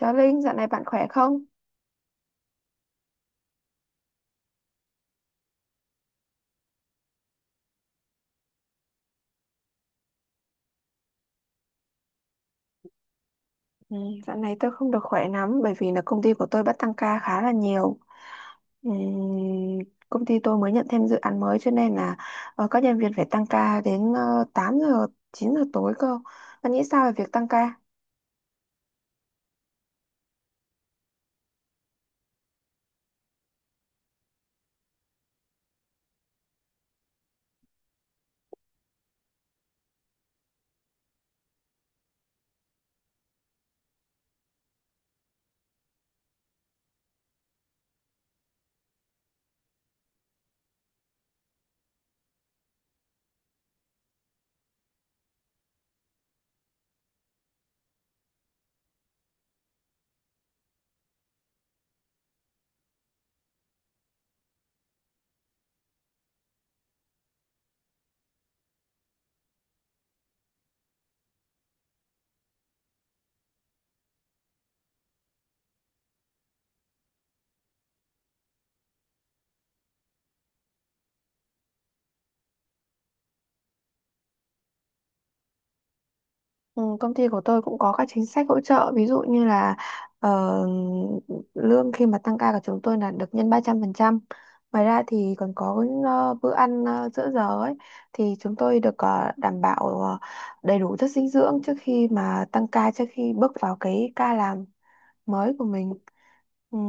Chào Linh, dạo này bạn khỏe không? Ừ, dạo này tôi không được khỏe lắm bởi vì là công ty của tôi bắt tăng ca khá là nhiều. Ừm, Công ty tôi mới nhận thêm dự án mới cho nên là các nhân viên phải tăng ca đến 8 giờ, 9 giờ tối cơ. Bạn nghĩ sao về việc tăng ca? Ừ, công ty của tôi cũng có các chính sách hỗ trợ, ví dụ như là ờ, lương khi mà tăng ca của chúng tôi là được nhân 300%. Ngoài ra thì còn có bữa ăn giữa giờ ấy, thì chúng tôi được đảm bảo đầy đủ chất dinh dưỡng trước khi mà tăng ca, trước khi bước vào cái ca làm mới của mình. Ừ,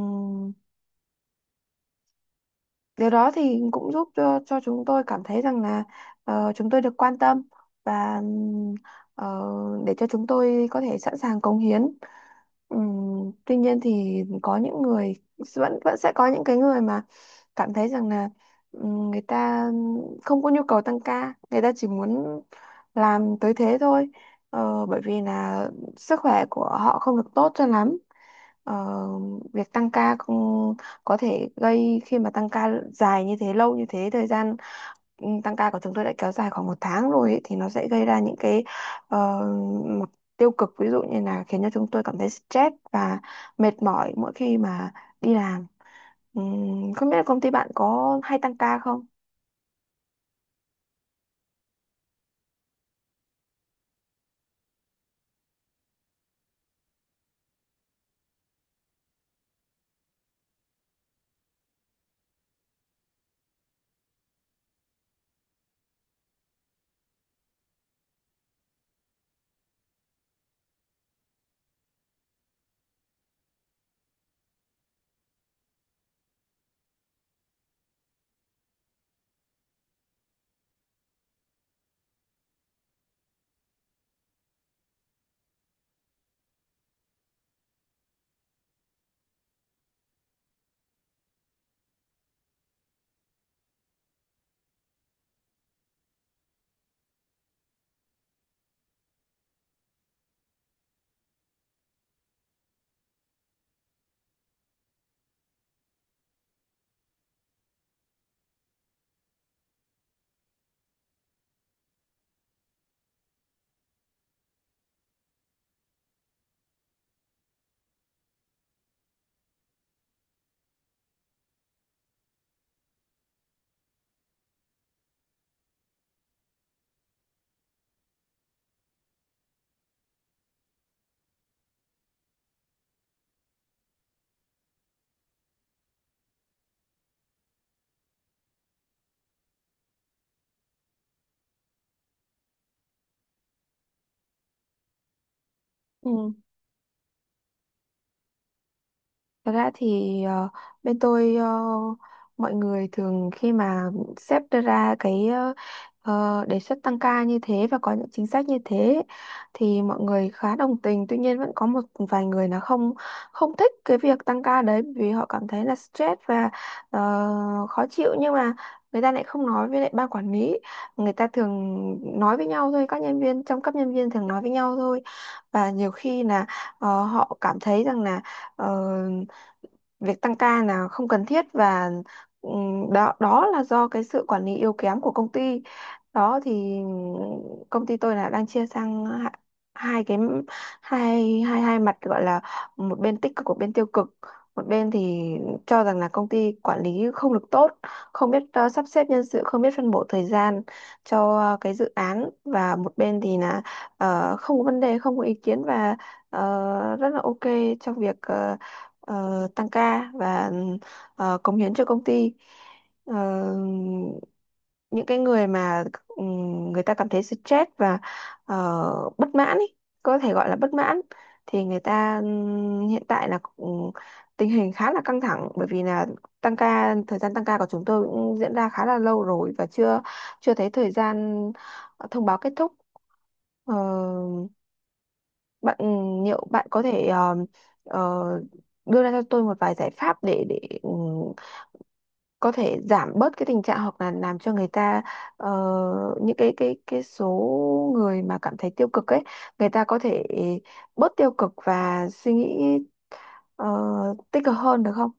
điều đó thì cũng giúp cho chúng tôi cảm thấy rằng là chúng tôi được quan tâm và ờ, để cho chúng tôi có thể sẵn sàng cống hiến. Tuy nhiên thì có những người vẫn vẫn sẽ có những cái người mà cảm thấy rằng là người ta không có nhu cầu tăng ca, người ta chỉ muốn làm tới thế thôi. Ờ, bởi vì là sức khỏe của họ không được tốt cho lắm. Ờ, việc tăng ca cũng có thể gây, khi mà tăng ca dài như thế, lâu như thế, thời gian tăng ca của chúng tôi đã kéo dài khoảng một tháng rồi ấy, thì nó sẽ gây ra những cái ờ, mặt tiêu cực, ví dụ như là khiến cho chúng tôi cảm thấy stress và mệt mỏi mỗi khi mà đi làm. Không biết là công ty bạn có hay tăng ca không? Ừ. Thật ra thì bên tôi, mọi người thường khi mà sếp đưa ra cái đề xuất tăng ca như thế và có những chính sách như thế, thì mọi người khá đồng tình. Tuy nhiên vẫn có một vài người là không không thích cái việc tăng ca đấy vì họ cảm thấy là stress và ờ, khó chịu, nhưng mà người ta lại không nói với lại ban quản lý. Người ta thường nói với nhau thôi, các nhân viên trong cấp nhân viên thường nói với nhau thôi. Và nhiều khi là họ cảm thấy rằng là ờ, việc tăng ca là không cần thiết, và đó đó là do cái sự quản lý yếu kém của công ty đó. Thì công ty tôi là đang chia sang hai, hai cái hai hai hai mặt, gọi là một bên tích cực, một bên tiêu cực. Một bên thì cho rằng là công ty quản lý không được tốt, không biết sắp xếp nhân sự, không biết phân bổ thời gian cho cái dự án, và một bên thì là không có vấn đề, không có ý kiến, và rất là ok trong việc tăng ca và cống hiến cho công ty. Ờ, những cái người mà người ta cảm thấy stress và ờ, bất mãn ý, có thể gọi là bất mãn, thì người ta hiện tại là tình hình khá là căng thẳng, bởi vì là tăng ca, thời gian tăng ca của chúng tôi cũng diễn ra khá là lâu rồi và chưa chưa thấy thời gian thông báo kết thúc. Ờ, bạn ừ, liệu bạn có thể ờ, đưa ra cho tôi một vài giải pháp để có thể giảm bớt cái tình trạng, hoặc là làm cho người ta ờ, những cái số người mà cảm thấy tiêu cực ấy, người ta có thể bớt tiêu cực và suy nghĩ ờ, tích cực hơn được không?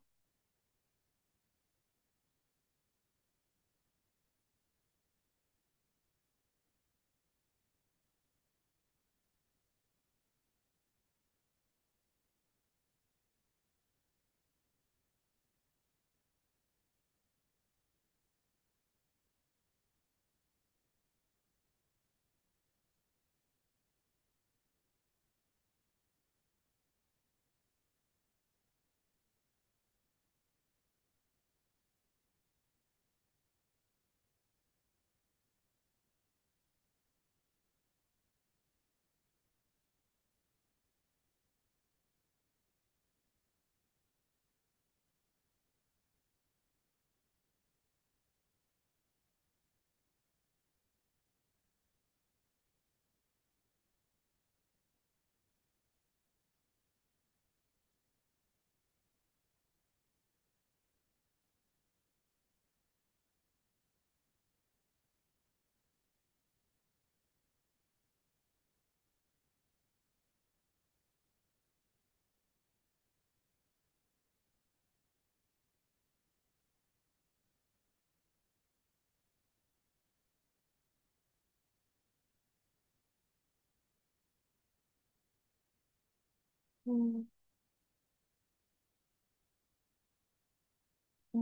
Ừ. Ừ.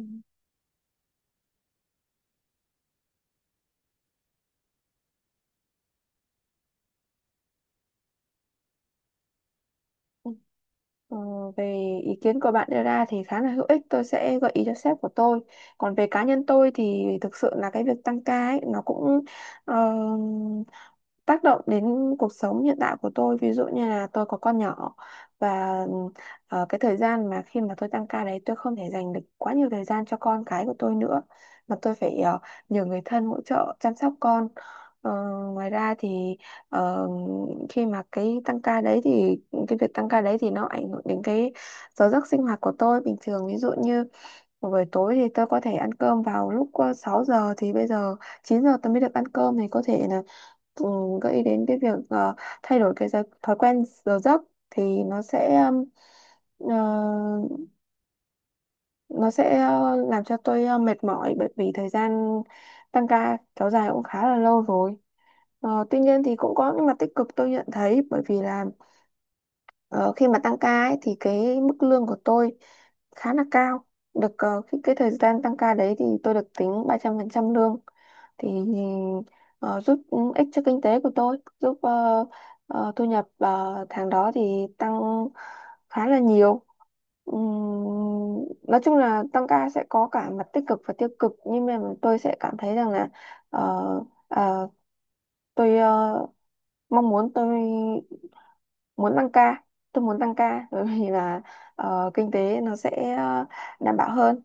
Ờ, về ý kiến của bạn đưa ra thì khá là hữu ích, tôi sẽ gợi ý cho sếp của tôi. Còn về cá nhân tôi thì thực sự là cái việc tăng ca ấy nó cũng ờ, tác động đến cuộc sống hiện tại của tôi, ví dụ như là tôi có con nhỏ. Và cái thời gian mà khi mà tôi tăng ca đấy, tôi không thể dành được quá nhiều thời gian cho con cái của tôi nữa, mà tôi phải nhờ người thân hỗ trợ chăm sóc con. Ờ, ngoài ra thì ờ, khi mà cái tăng ca đấy, thì cái việc tăng ca đấy thì nó ảnh hưởng đến cái giờ giấc sinh hoạt của tôi bình thường, ví dụ như một buổi tối thì tôi có thể ăn cơm vào lúc 6 giờ, thì bây giờ 9 giờ tôi mới được ăn cơm. Thì có thể là ừ, gợi ý đến cái việc thay đổi thói quen giờ giấc thì nó sẽ ừm, ờ, nó sẽ làm cho tôi mệt mỏi, bởi vì thời gian tăng ca kéo dài cũng khá là lâu rồi. Ờ, tuy nhiên thì cũng có những mặt tích cực tôi nhận thấy, bởi vì là Ờ, khi mà tăng ca ấy, thì cái mức lương của tôi khá là cao, được cái thời gian tăng ca đấy thì tôi được tính 300% lương, thì ờ, giúp ích cho kinh tế của tôi, giúp thu nhập tháng đó thì tăng khá là nhiều. Ừm, nói chung là tăng ca sẽ có cả mặt tích cực và tiêu cực, nhưng mà tôi sẽ cảm thấy rằng là ờ, ờ, tôi mong muốn tôi muốn tăng ca, bởi vì là kinh tế nó sẽ đảm bảo hơn.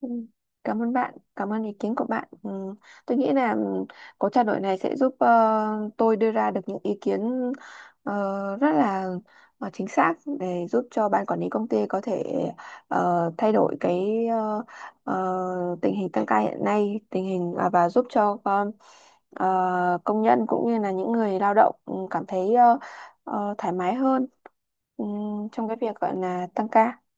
Ừ. Cảm ơn bạn, cảm ơn ý kiến của bạn. Ừ, tôi nghĩ là cuộc trao đổi này sẽ giúp tôi đưa ra được những ý kiến rất là chính xác để giúp cho ban quản lý công ty có thể thay đổi cái tình hình tăng ca hiện nay, và giúp cho công nhân cũng như là những người lao động cảm thấy thoải mái hơn ừ, trong cái việc gọi là tăng ca.